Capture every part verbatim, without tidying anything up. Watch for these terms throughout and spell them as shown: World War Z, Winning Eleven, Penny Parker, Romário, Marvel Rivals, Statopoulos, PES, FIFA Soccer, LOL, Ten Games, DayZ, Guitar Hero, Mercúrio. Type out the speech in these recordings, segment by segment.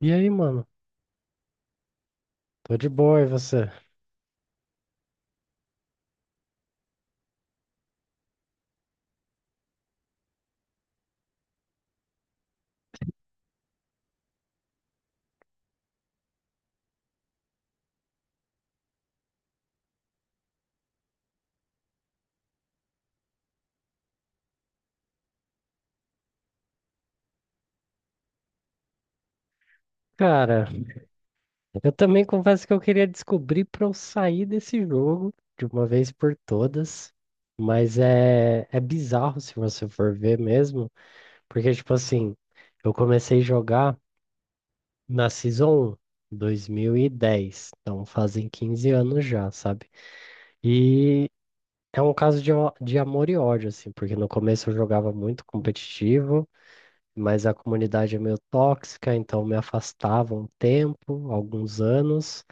E aí, mano? Tô de boa, e você? Cara, eu também confesso que eu queria descobrir pra eu sair desse jogo de uma vez por todas, mas é, é bizarro se você for ver mesmo, porque, tipo assim, eu comecei a jogar na Season um, dois mil e dez, então fazem quinze anos já, sabe? E é um caso de, ó- de amor e ódio, assim, porque no começo eu jogava muito competitivo, mas a comunidade é meio tóxica, então me afastava um tempo, alguns anos.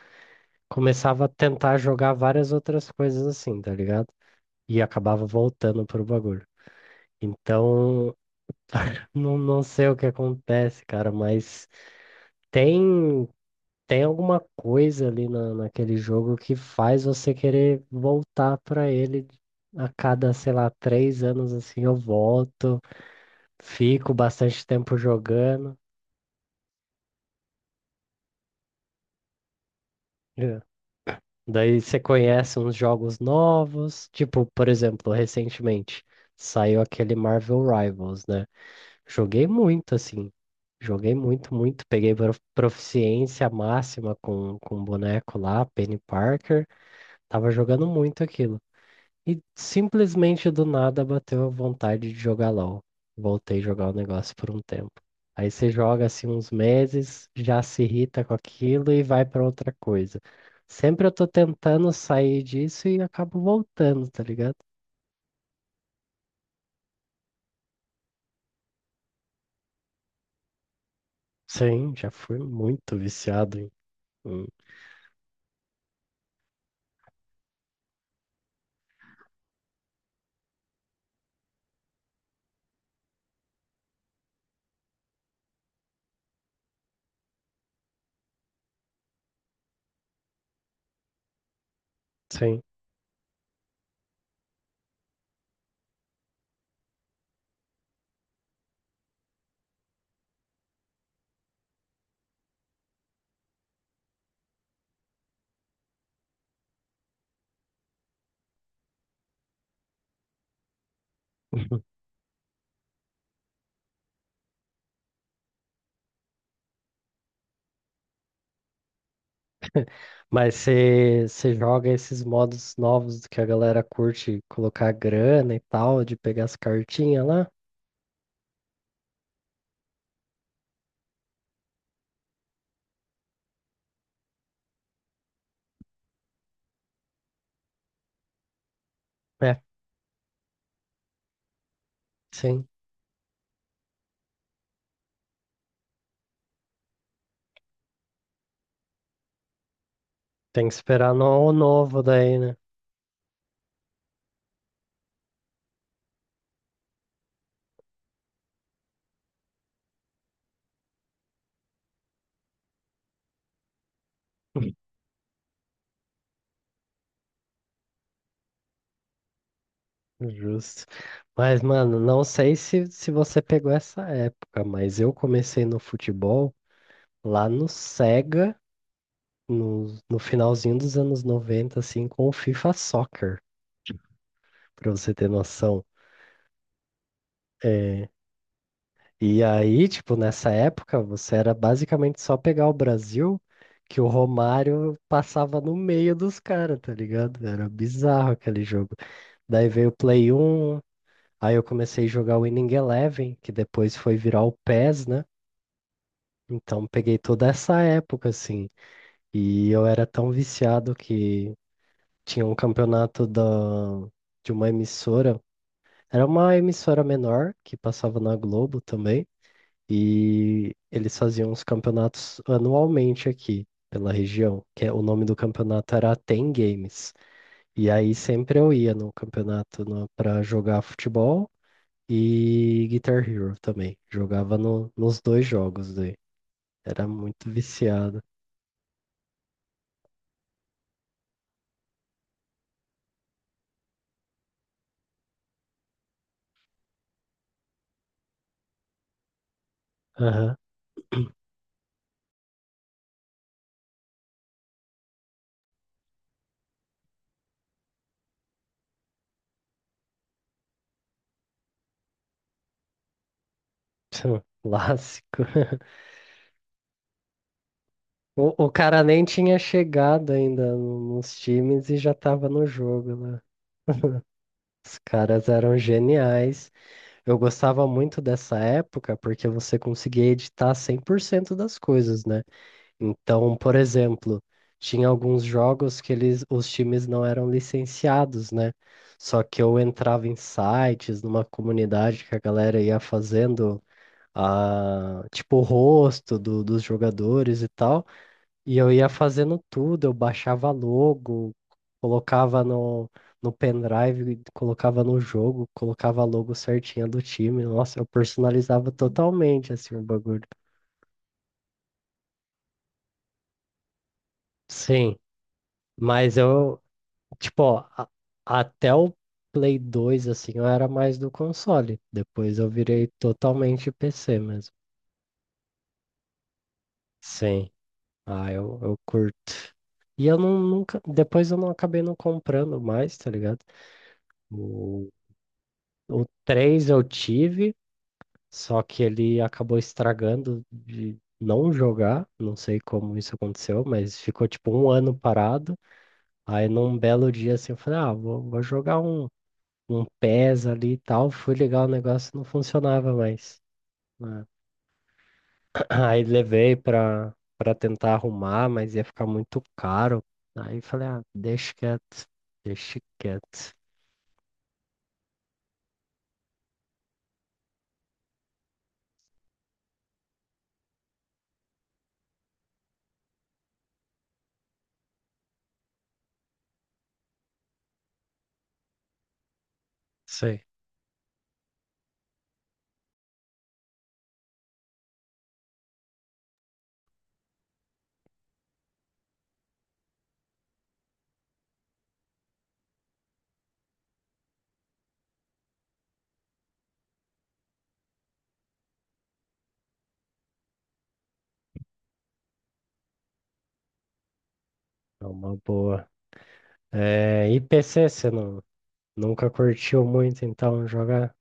Começava a tentar jogar várias outras coisas assim, tá ligado? E acabava voltando pro bagulho. Então, não, não sei o que acontece, cara, mas tem, tem alguma coisa ali na, naquele jogo que faz você querer voltar pra ele. A cada, sei lá, três anos assim eu volto, fico bastante tempo jogando. Daí você conhece uns jogos novos, tipo, por exemplo, recentemente saiu aquele Marvel Rivals, né? Joguei muito, assim, joguei muito, muito. Peguei pro- proficiência máxima com, com o boneco lá, Penny Parker. Tava jogando muito aquilo. E simplesmente do nada bateu a vontade de jogar LOL. Voltei a jogar o negócio por um tempo. Aí você joga assim uns meses, já se irrita com aquilo e vai pra outra coisa. Sempre eu tô tentando sair disso e acabo voltando, tá ligado? Sim, já fui muito viciado em. em- Sim. Mas você você joga esses modos novos que a galera curte colocar grana e tal, de pegar as cartinhas lá? É, sim. Tem que esperar no ano novo daí, né? Justo. Mas, mano, não sei se, se você pegou essa época, mas eu comecei no futebol lá no Sega, no, no finalzinho dos anos noventa, assim, com o FIFA Soccer, pra você ter noção. É, e aí, tipo, nessa época, você era basicamente só pegar o Brasil, que o Romário passava no meio dos caras, tá ligado? Era bizarro aquele jogo. Daí veio o Play um. Aí eu comecei a jogar o Winning Eleven, que depois foi virar o P E S, né? Então peguei toda essa época, assim. E eu era tão viciado que tinha um campeonato da, de uma emissora. Era uma emissora menor que passava na Globo também. E eles faziam os campeonatos anualmente aqui pela região, que é- o nome do campeonato era Ten Games. E aí sempre eu ia no campeonato para jogar futebol e Guitar Hero também. Jogava no- nos dois jogos daí. Era muito viciado. Aham. Clássico. O, o cara nem tinha chegado ainda no- nos times e já tava no jogo lá. Os caras eram geniais. Eu gostava muito dessa época porque você conseguia editar cem por cento das coisas, né? Então, por exemplo, tinha alguns jogos que eles, os times não eram licenciados, né? Só que eu entrava em sites, numa comunidade que a galera ia fazendo a, tipo, o rosto do- dos jogadores e tal, e eu ia fazendo tudo, eu baixava logo, colocava no, no pendrive, colocava no jogo, colocava a logo certinha do time. Nossa, eu personalizava totalmente assim o bagulho. Sim. Mas eu, tipo, ó, a- até o Play dois assim, eu era mais do console. Depois eu virei totalmente P C mesmo. Sim, ah, eu, eu curto. E eu não, nunca. Depois eu não acabei não comprando mais, tá ligado? O, o três eu tive, só que ele acabou estragando de não jogar. Não sei como isso aconteceu, mas ficou tipo um ano parado. Aí num belo dia assim, eu falei, ah, vou, vou jogar um um pés ali e tal. Fui ligar o negócio, não funcionava mais. Né? Aí levei pra, pra tentar arrumar, mas ia ficar muito caro. Aí falei, ah, deixa quieto, deixa quieto. Sei. É uma boa. É, e P C, você não, nunca curtiu muito, então jogar?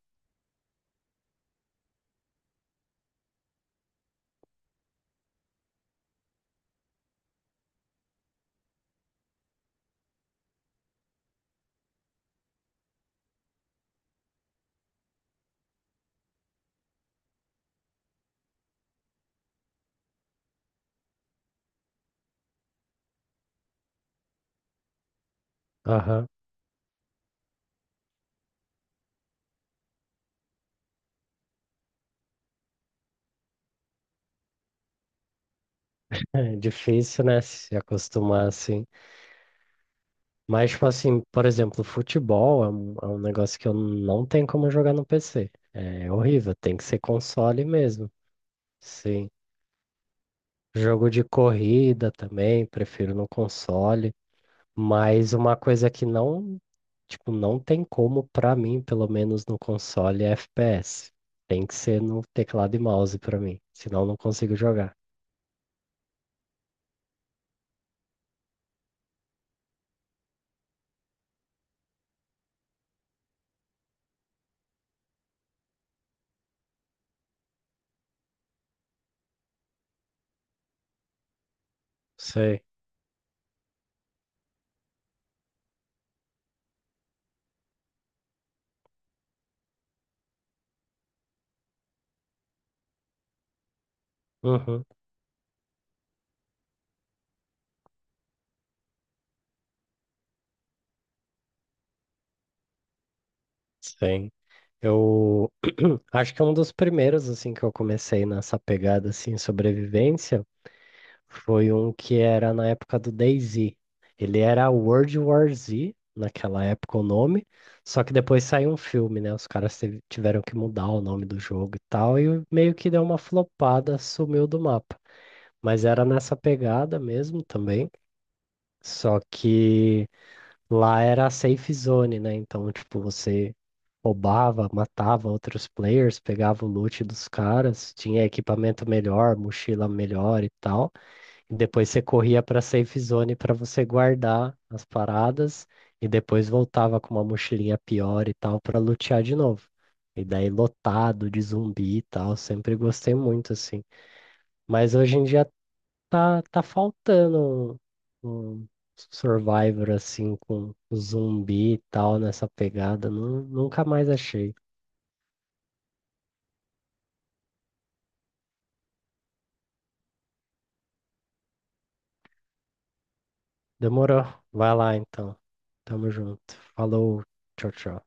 Aham. É difícil, né? Se acostumar assim. Mas, tipo assim, por exemplo, futebol é um, é um negócio que eu não tenho como jogar no P C. É horrível, tem que ser console mesmo. Sim. Jogo de corrida também, prefiro no console. Mas uma coisa que não, tipo, não tem como pra mim, pelo menos no console, é F P S. Tem que ser no teclado e mouse pra mim, senão eu não consigo jogar. Sei. Uhum. Sim. Eu acho que é um dos primeiros assim que eu comecei nessa pegada assim sobrevivência. Foi um que era na época do DayZ. Ele era World War Z, naquela época o nome, só que depois saiu um filme, né? Os caras teve- tiveram que mudar o nome do jogo e tal, e meio que deu uma flopada, sumiu do mapa. Mas era nessa pegada mesmo também, só que lá era a safe zone, né? Então, tipo, você roubava, matava outros players, pegava o loot dos caras, tinha equipamento melhor, mochila melhor e tal. Depois você corria para safe zone para você guardar as paradas e depois voltava com uma mochilinha pior e tal para lutear de novo. E daí lotado de zumbi e tal, sempre gostei muito assim. Mas hoje em dia tá, tá faltando um, um Survivor assim com zumbi e tal nessa pegada. Nu- Nunca mais achei. Demorou. Vai lá então. Tamo junto. Falou. Tchau, tchau.